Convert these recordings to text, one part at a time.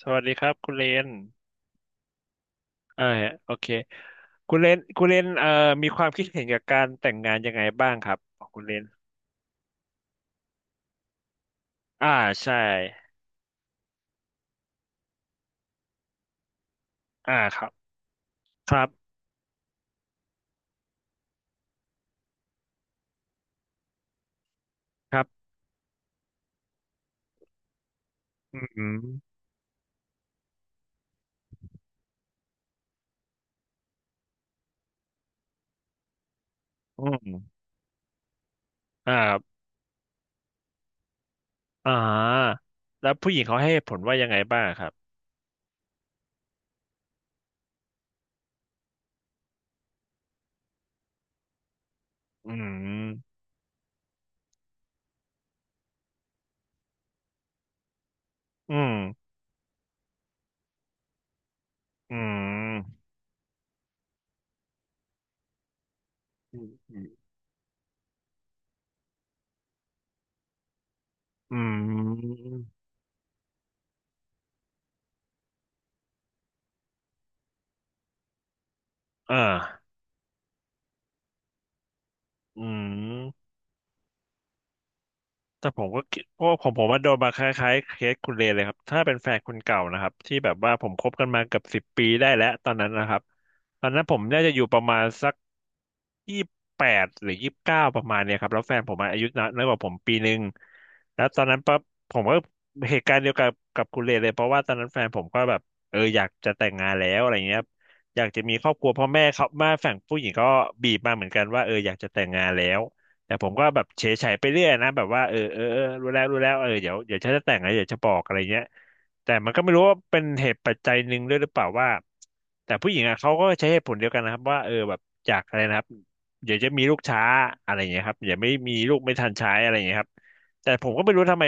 สวัสดีครับคุณเลนอ่าโอเคคุณเลนมีความคิดเห็นกับการแต่งงานยังไงบ้างครับของคุณเลนอ่าใช่อ่าครับครับครับอืมอืมอ่าครับอ่าแล้วผู้หญิงเขาให้เหตุผลว่ายังไงบ้างครับอืมอืมอืมอืมอืมอ่าอืม แต่ผมก็คิดเพราะว่าผมว่าโดนมาคล้ายๆเคสคุณเลนเลยครับถ้าเป็นแฟนคนเก่านะครับที่แบบว่าผมคบกันมาเกือบ 10 ปีได้แล้วตอนนั้นนะครับตอนนั้นผมน่าจะอยู่ประมาณสักยี่แปดหรือ29ประมาณเนี่ยครับแล้วแฟนผมอะอายุน้อยน้อยกว่าผมปีหนึ่งแล้วตอนนั้นปั๊บผมก็เหตุการณ์เดียวกับคุณเลนเลยเพราะว่าตอนนั้นแฟนผมก็แบบเอออยากจะแต่งงานแล้วอะไรเงี้ยครับอยากจะมีครอบครัวพ่อแม่เขาแมาฝั่งผู้หญิงก็บีบมาเหมือนกันว่าเอออยากจะแต่งงานแล้ว แต่ผมก็แบบเฉยๆไปเรื่อยนะแบบว่าเออเออเออรู้แล้วรู้แล้วเออเดี๋ยวเดี๋ยวฉันจะแต่งแล้วเดี๋ยวจะบอกอะไรเงี้ยแต่มันก็ไม่รู้ว่าเป็นเหตุปัจจัยหนึ่งด้วยหรือเปล่าว่าแต่ผู้หญิงอ่ะเขาก็ใช้เหตุผลเดียวกันนะครับว่าเออแบบอยากอะไรนะครับเดี๋ยวจะมีลูกช้าอะไรเงี้ยครับเดี๋ยวาไม่มีลูกไม่ทันใช้อะไรเงี้ยครับแต่ผมก็ไม่รู้ทำไม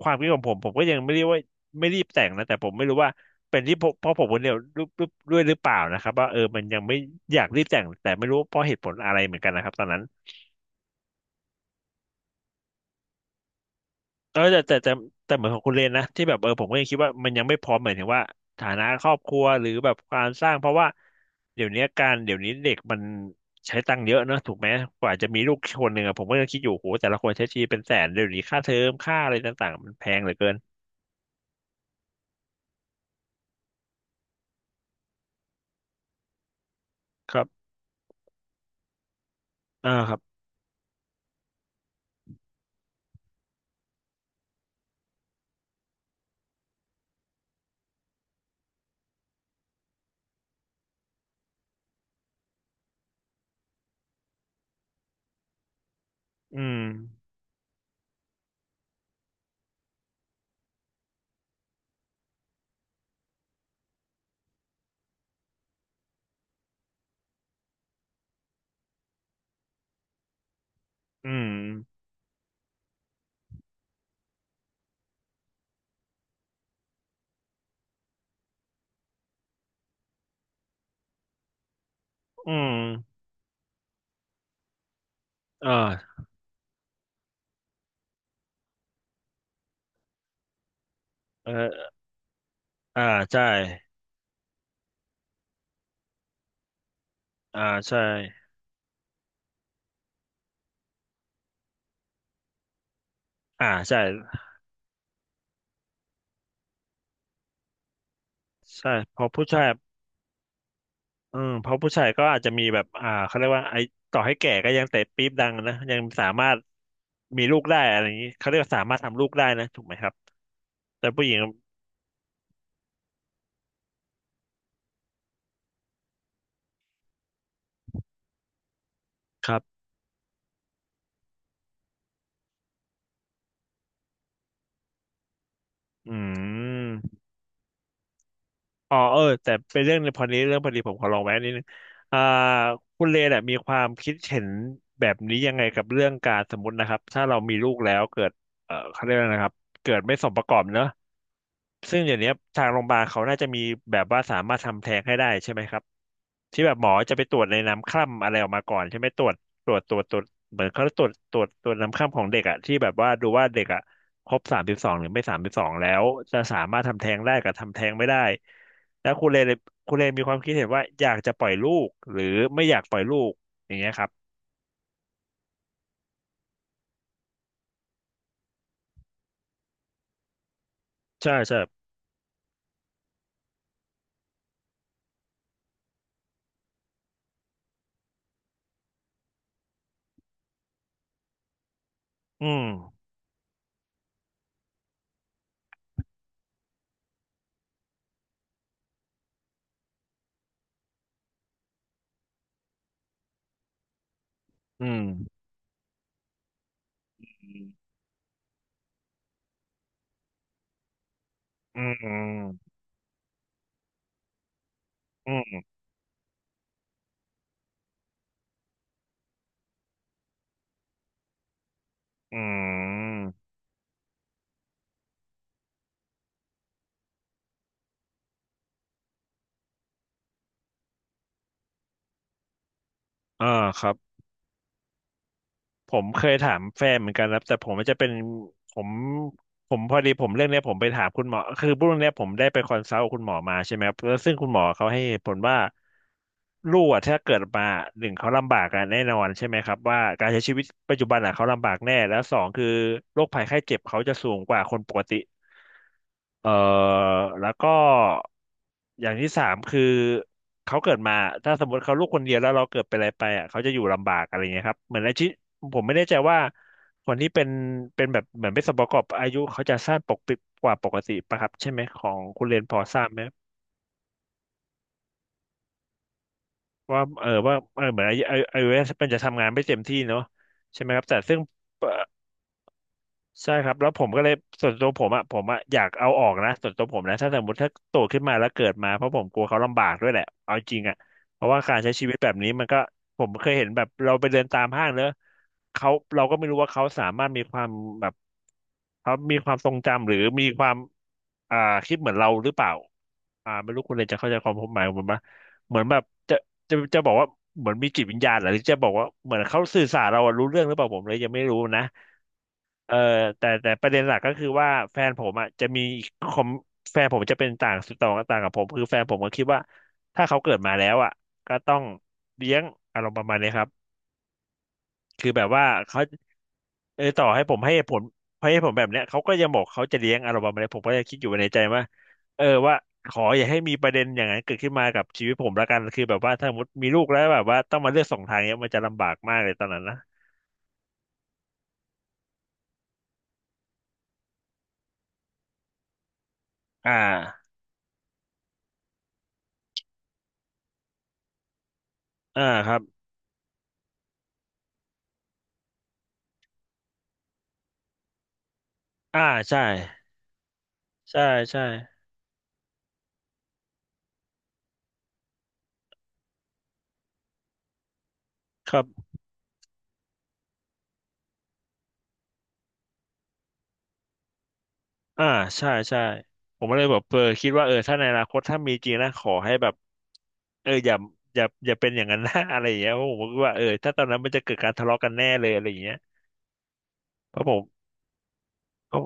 ความคิดของผมผมก็ยังไม่เรียกว่าไม่รีบแต่งนะแต่ผมไม่รู้ว่าเป็นที่เพราะผมคนเดียวรูปด้วยหรือเปล่านะครับว่าเออมันยังไม่อยากรีบแต่งแต่ไม่รู้เพราะเหตุผลอะไรเหมือนกันนะครับตอนนั้น เออแต่เหมือนของคุณเลนนะที่แบบเออผมก็ยังคิดว่ามันยังไม่พร้อมหมายถึงว่าฐานะครอบครัวหรือแบบการสร้างเพราะว่าเดี๋ยวนี้การเดี๋ยวนี้เด็กมันใช้ตังค์เยอะเนอะถูกไหมกว่าจะมีลูกคนหนึ่งอะผมก็ยังคิดอยู่โหแต่ละคนใช้ชีวิตเป็นแสนเดี๋ยวนี้ค่าเทอมค่าอะไรต่างๆมันแพงเหลือเกินครับอ่าครับอืมอืมอืมอ่าเอออ่าใช่อ่าใช่อ่าใช่ใช่เพอผู้ชาย อืมเพราะผู้ชายก็อาจจะมีแบบอ่าเขาเรียกว่าไอ้ต่อให้แก่ก็ยังเตะปี๊บดังนะยังสามารถมีลูกได้อะไรอย่างนี้เขาเรียกว่าสามารถทำลูกได้นะถูกไหมครับแต่ผู้หญิงครับอืมอ๋อเออแต่เป็นเรื่องในพอนี้เรื่องพอดีผมขอลองแวะนิดนึงอ่าคุณเลเนี่ยมีความคิดเห็นแบบนี้ยังไงกับเรื่องการสมมตินะครับถ้าเรามีลูกแล้วเกิดเออเขาเรียกอะไรนะครับเกิดไม่สมประกอบเนอะ ซึ่งเดี๋ยวนี้ทางโรงพยาบาลเขาน่าจะมีแบบว่าสามารถทำแท้งให้ได้ใช่ไหมครับที่แบบหมอจะไปตรวจในน้ำคร่ำอะไรออกมาก่อนใช่ไหมตรวจเหมือนเขาตรวจน้ำคร่ำของเด็กอะที่แบบว่าดูว่าเด็กอะครบสามสิบสองหรือไม่สามสิบสองแล้วจะสามารถทำแท้งได้กับทำแท้งไม่ได้แล้วคุณเลนมีความคิดเห็นว่าอยากจะปล่อยลูกหรือไม่อยากปล่อยลูกอย่างเงี้ยครับใช่ใช่อืมอืมอืมอืมอืมอมอ่าครับ ผมเคยถามแฟนเหมือนกันครับแต่ผมมันจะเป็นผมผมพอดีผมเรื่องเนี้ยผมไปถามคุณหมอคือเรื่องเนี้ยผมได้ไปคอนซัลท์กับคุณหมอมาใช่ไหมครับแล้วซึ่งคุณหมอเขาให้เหตุผลว่าลูกอะถ้าเกิดมาหนึ่งเขาลำบากกันแน่นอนใช่ไหมครับว่าการใช้ชีวิตปัจจุบันอะเขาลำบากแน่แล้วสองคือโรคภัยไข้เจ็บเขาจะสูงกว่าคนปกติ เออแล้วก็อย่างที่สามคือเขาเกิดมาถ้าสมมติเขาลูกคนเดียวแล้วเราเกิดเป็นอะไรไปอ่ะเขาจะอยู่ลำบากอะไรเงี้ยครับเหมือนอาชีพผมไม่แน่ใจว่าคนที่เป็นเป็นแบบเหมือนเป็นสมประกอบอายุเขาจะสั้นปกปิดกว่าปกติปะครับใช่ไหมของคุณเรียนพอทราบไหมว่าเออว่าเออเหมือนอายุมันจะทำงานไม่เต็มที่เนาะใช่ไหมครับแต่ซึ่ง ใช่ครับแล้วผมก็เลยส่วนตัวผมอ่ะอยากเอาออกนะส่วนตัวผมนะถ้าสมมติถ้าโตขึ้นมาแล้วเกิดมาเพราะผมกลัวเขาลำบากด้วยแหละเอาจริงอ่ะเพราะว่าการใช้ชีวิตแบบนี้มันก็ผมเคยเห็นแบบเราไปเดินตามห้างเนอะเขาเราก็ไม่รู้ว่าเขาสามารถมีความแบบเขามีความทรงจำหรือมีความอ่าคิดเหมือนเราหรือเปล่าอ่าไม่รู้คุณเลยจะเข้าใจความผมหมายของผมปะเหมือนแบบจะจะบอกว่าเหมือนมีจิตวิญญาณเหรอหรือจะบอกว่าเหมือนเขาสื่อสารเราอะรู้เรื่องหรือเปล่าผมเลยยังไม่รู้นะ เออแต่ประเด็นหลักก็คือว่าแฟนผมอ่ะจะมีคอมแฟนผมจะเป็นต่างต่างต่างกับผมคือแฟนผมก็คิดว่าถ้าเขาเกิดมาแล้วอ่ะก็ต้องเลี้ยงอารมณ์ประมาณนี้ครับคือแบบว่าเขาเออต่อให้ผมให้เหตุผลให้เหตุผลแบบเนี้ยเขาก็ยังบอกเขาจะเลี้ยงอารมณ์ประมาณนี้ผมก็จะคิดอยู่ในใจว่าเออว่าขออย่าให้มีประเด็นอย่างนั้นเกิดขึ้นมากับชีวิตผมละกันคือแบบว่าถ้าสมมติมีลูกแล้วแบบว่าต้องมาเลือกสองทางเนี้ยมันจะลำบากมากเลยตอนนั้นนะอ่าอ่าครับอ่าใช่ใช่ใช่ครับ อ่าใช่ใช่ผมก็เลยแบบเออคิดว่าเออถ้าในอนาคตถ้ามีจริงนะขอให้แบบเอออย่าอย่าเป็นอย่างนั้นนะ อะไรอย่างเงี้ยเพราะผมก็คิดว่าเออถ้าตอนนั้นมันจะเกิดการทะเลาะกันแน่เลยอะไรอย่างเงี้ยเพราะผมเพราะ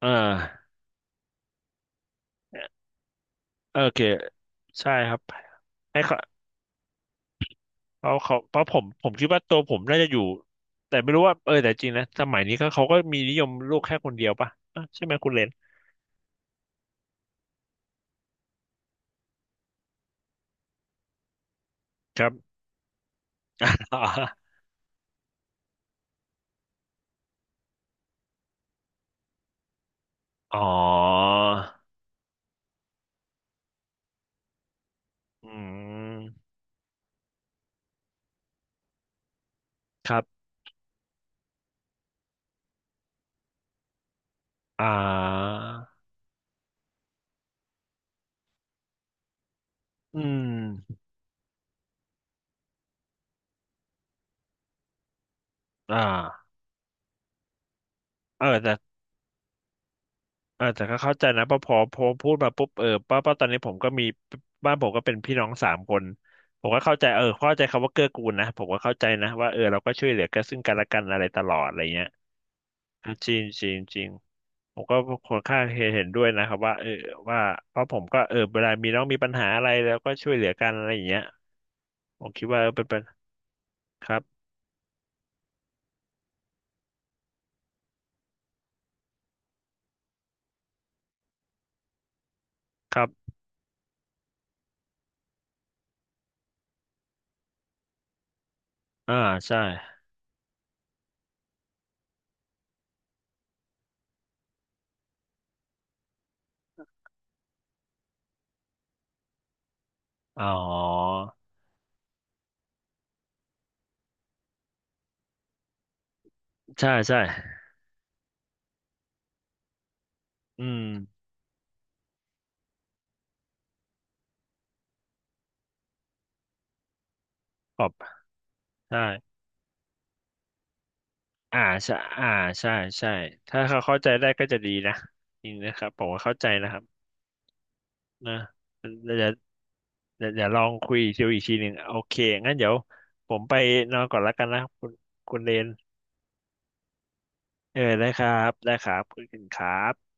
เออโอเคใช่ครับให้เขาเขาเพราะผมคิดว่าตัวผมน่าจะอยู่แต่ไม่รู้ว่าเออแต่จริงนะสมัยนี้ก็เขาก็มีนิยมลูกแค่คนเดียวป่ะอ่ะใช่ไหมคุณเลนครับ อ๋ออืมครับอ่าอืม อ่าเออแต่เออแต่ก็เข้าใจนะเพอพอพูดมาปุ๊บเออป้าตอนนี้ผมก็มีบ้านผมก็เป็นพี่น้องสามคนผมก็เข้าใจเออเข้าใจคำว่าเกื้อกูลนะผมก็เข้าใจนะว่าเออเราก็ช่วยเหลือกันซึ่งกันและกันอะไรตลอดอะไรเงี้ยจริงจริงจริงผมก็คอนข้างเห็นด้วยนะครับว่าเออว่าเพราะผมก็เออเวลามีน้องมีปัญหาอะไรแล้วก็ช่วยเหลือกันอะไรอย่างเงี้ยผมคิดว่าเป็นเป็นครับครับอ่าใช่อ๋อใช่ใช่อืมขอบใช่ อ่าใช่อ่าใช่ใช่ถ้าเขาเข้าใจได้ก็จะดีนะจริงนะครับผมว่าเข้าใจนะครับนะเดี๋ยวเดี๋ยวเดี๋ยวลองคุยดูอีกทีหนึ่งโอเคงั้นเดี๋ยวผมไปนอนก่อนแล้วกันนะคุณคุณเรนเออได้ครับได้ครับคุณครับ